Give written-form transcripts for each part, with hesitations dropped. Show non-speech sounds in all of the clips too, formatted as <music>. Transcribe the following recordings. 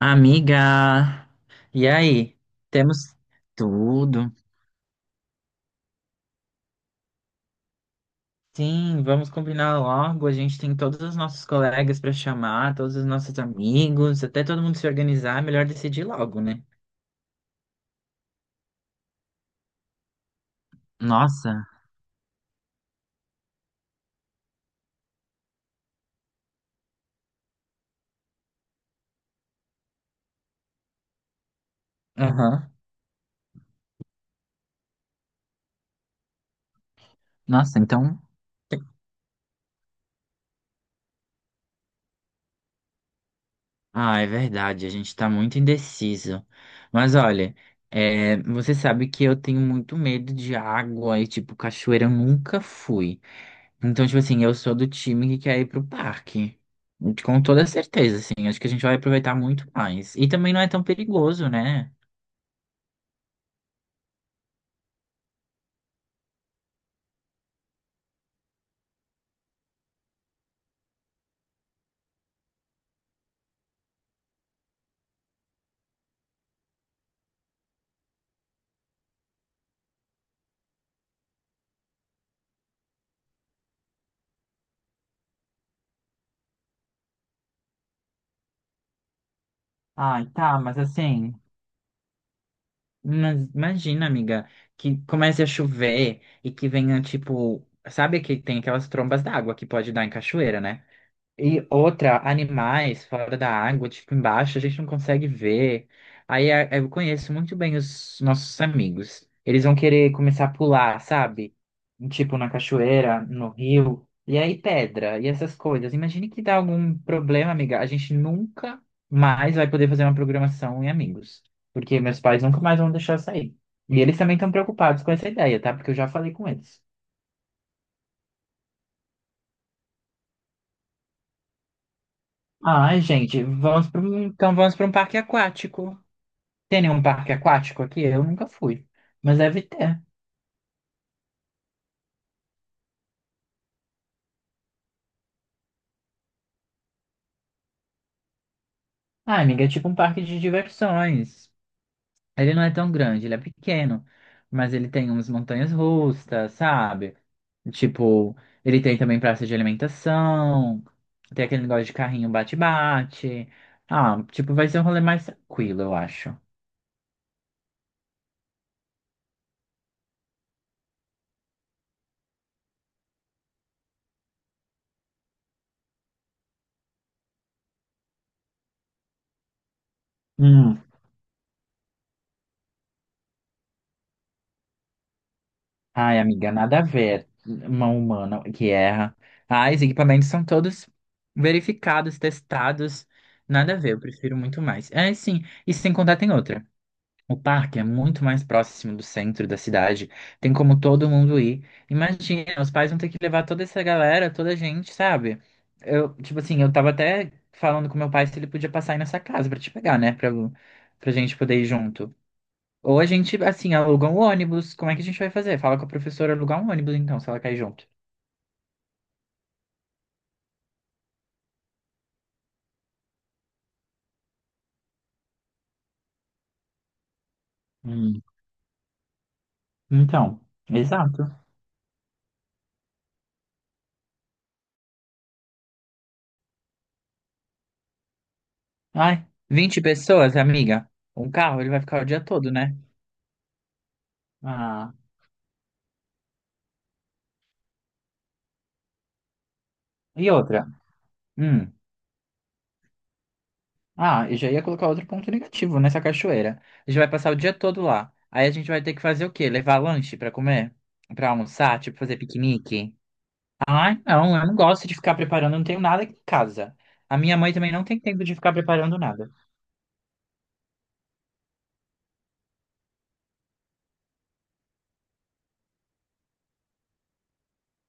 Amiga, e aí? Temos tudo? Sim, vamos combinar logo. A gente tem todos os nossos colegas para chamar, todos os nossos amigos, até todo mundo se organizar. É melhor decidir logo, né? Nossa, aham. Nossa, então. Ah, é verdade, a gente tá muito indeciso. Mas olha, é, você sabe que eu tenho muito medo de água e, tipo, cachoeira eu nunca fui. Então, tipo assim, eu sou do time que quer ir pro parque. Com toda certeza, assim. Acho que a gente vai aproveitar muito mais. E também não é tão perigoso, né? Ai, tá, mas assim. Mas imagina, amiga, que comece a chover e que venha, tipo. Sabe que tem aquelas trombas d'água que pode dar em cachoeira, né? E outra, animais fora da água, tipo embaixo, a gente não consegue ver. Eu conheço muito bem os nossos amigos. Eles vão querer começar a pular, sabe? Tipo na cachoeira, no rio. E aí pedra e essas coisas. Imagine que dá algum problema, amiga. A gente nunca mais vai poder fazer uma programação em amigos. Porque meus pais nunca mais vão deixar eu sair. E eles também estão preocupados com essa ideia, tá? Porque eu já falei com eles. Ai, gente, vamos para um, então vamos para um parque aquático. Tem nenhum parque aquático aqui? Eu nunca fui, mas deve ter. Ah, amiga, é tipo um parque de diversões. Ele não é tão grande, ele é pequeno, mas ele tem umas montanhas russas, sabe? Tipo, ele tem também praça de alimentação, tem aquele negócio de carrinho bate-bate. Ah, tipo, vai ser um rolê mais tranquilo, eu acho. Ai, amiga, nada a ver. Uma humana que erra. Ai, os equipamentos são todos verificados, testados. Nada a ver, eu prefiro muito mais. É, sim. E sem contar, tem outra. O parque é muito mais próximo do centro da cidade. Tem como todo mundo ir. Imagina, os pais vão ter que levar toda essa galera, toda a gente, sabe? Eu, tipo assim, eu tava até falando com meu pai se ele podia passar aí nessa casa pra te pegar, né? Pra, pra gente poder ir junto. Ou a gente, assim, aluga um ônibus. Como é que a gente vai fazer? Fala com a professora alugar um ônibus, então, se ela cair junto. Hum. Então, exato. Ai, 20 pessoas, amiga. Um carro, ele vai ficar o dia todo, né? Ah, e outra? Hum. Ah, eu já ia colocar outro ponto negativo nessa cachoeira. A gente vai passar o dia todo lá. Aí a gente vai ter que fazer o quê? Levar lanche pra comer? Pra almoçar? Tipo, fazer piquenique? Ai, não, eu não gosto de ficar preparando, não tenho nada aqui em casa. A minha mãe também não tem tempo de ficar preparando nada.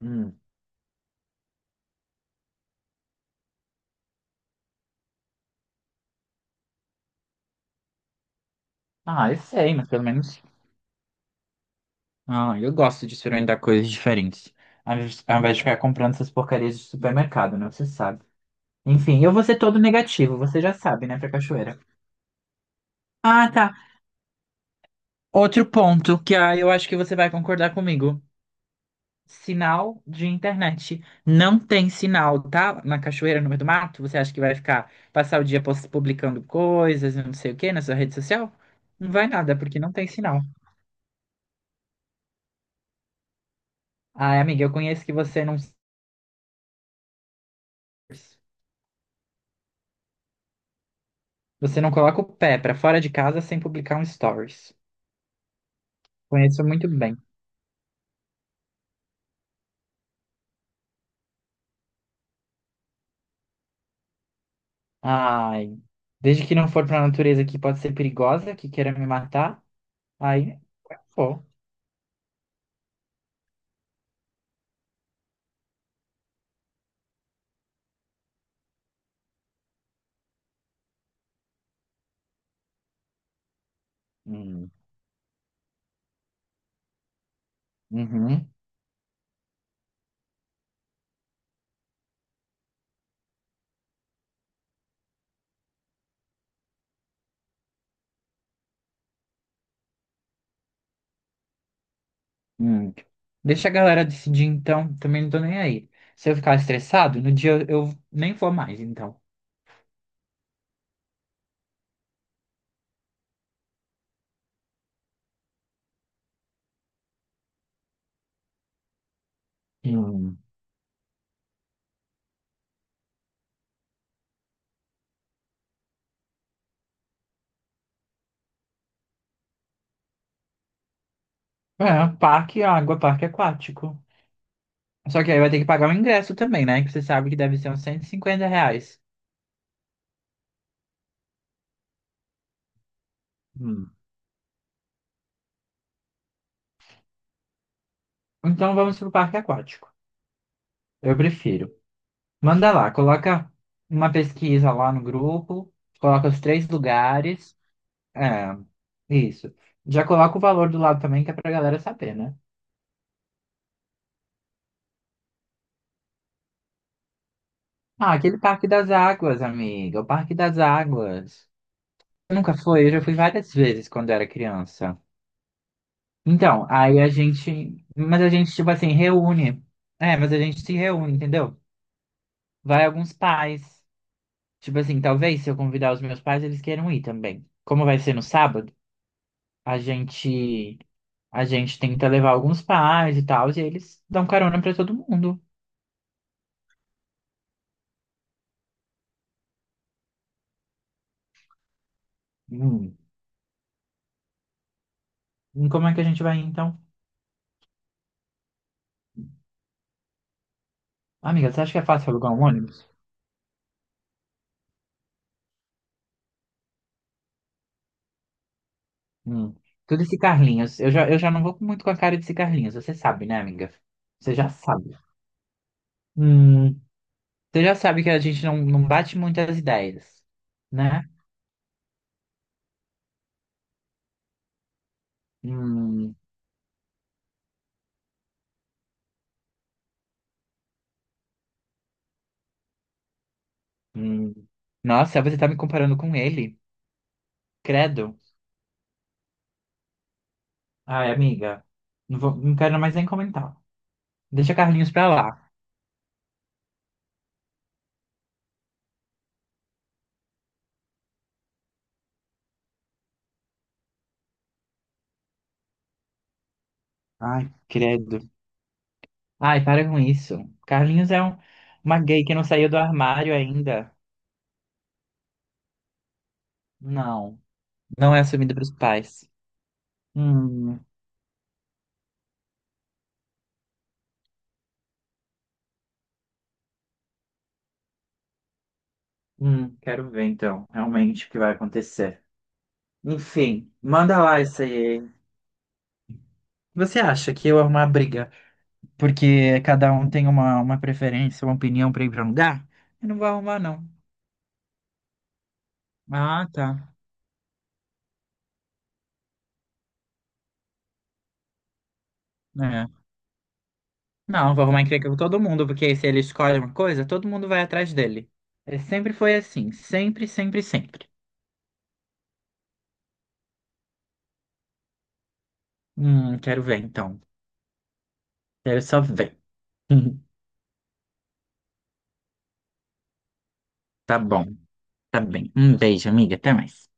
Hum. Ah, eu sei, mas pelo menos. Ah, eu gosto de experimentar coisas diferentes. Ao invés de ficar comprando essas porcarias de supermercado, né? Você sabe. Enfim, eu vou ser todo negativo, você já sabe, né, pra cachoeira. Ah, tá. Outro ponto que ah, eu acho que você vai concordar comigo. Sinal de internet. Não tem sinal, tá? Na cachoeira, no meio do mato, você acha que vai ficar, passar o dia publicando coisas, não sei o quê, na sua rede social? Não vai nada, porque não tem sinal. Ai, amiga, eu conheço que você não. Você não coloca o pé pra fora de casa sem publicar um stories. Conheço muito bem. Ai, desde que não for pra natureza que pode ser perigosa, que queira me matar, aí pô. Hum, uhum, hum. Deixa a galera decidir então, também não tô nem aí. Se eu ficar estressado, no dia eu nem vou mais, então. Hum. É, parque, água, parque aquático. Só que aí vai ter que pagar o ingresso também, né? Que você sabe que deve ser uns R$ 150. Hum. Então vamos pro parque aquático. Eu prefiro. Manda lá, coloca uma pesquisa lá no grupo, coloca os três lugares. É, isso. Já coloca o valor do lado também, que é pra galera saber, né? Ah, aquele Parque das Águas, amiga, o Parque das Águas. Eu nunca fui, eu já fui várias vezes quando era criança. Então, aí a gente. Mas a gente, tipo assim, reúne. É, mas a gente se reúne, entendeu? Vai alguns pais. Tipo assim, talvez se eu convidar os meus pais, eles queiram ir também. Como vai ser no sábado, a gente. A gente tenta levar alguns pais e tal, e eles dão carona pra todo mundo. Hum. E como é que a gente vai então? Amiga, você acha que é fácil alugar um ônibus? Hum. Tudo esse Carlinhos. Eu já não vou muito com a cara desse Carlinhos, você sabe, né, amiga? Você já sabe. Hum. Você já sabe que a gente não bate muito as ideias, né? Hum. Hum. Nossa, você tá me comparando com ele? Credo. Ai, amiga, não vou, não quero mais nem comentar. Deixa Carlinhos pra lá. Ai, credo. Ai, para com isso. Carlinhos é um- uma gay que não saiu do armário ainda. Não, não é assumido pros pais. Hum, quero ver então, realmente o que vai acontecer. Enfim, manda lá isso aí. Você acha que eu arrumar briga? Porque cada um tem uma preferência, uma opinião pra ir pra um lugar? Eu não vou arrumar, não. Ah, tá. É. Não, vou arrumar encrenca com todo mundo, porque se ele escolhe uma coisa, todo mundo vai atrás dele. É, sempre foi assim, sempre, sempre, sempre. Quero ver então. Quero só ver. <laughs> Tá bom, tá bem. Um beijo, amiga. Até mais.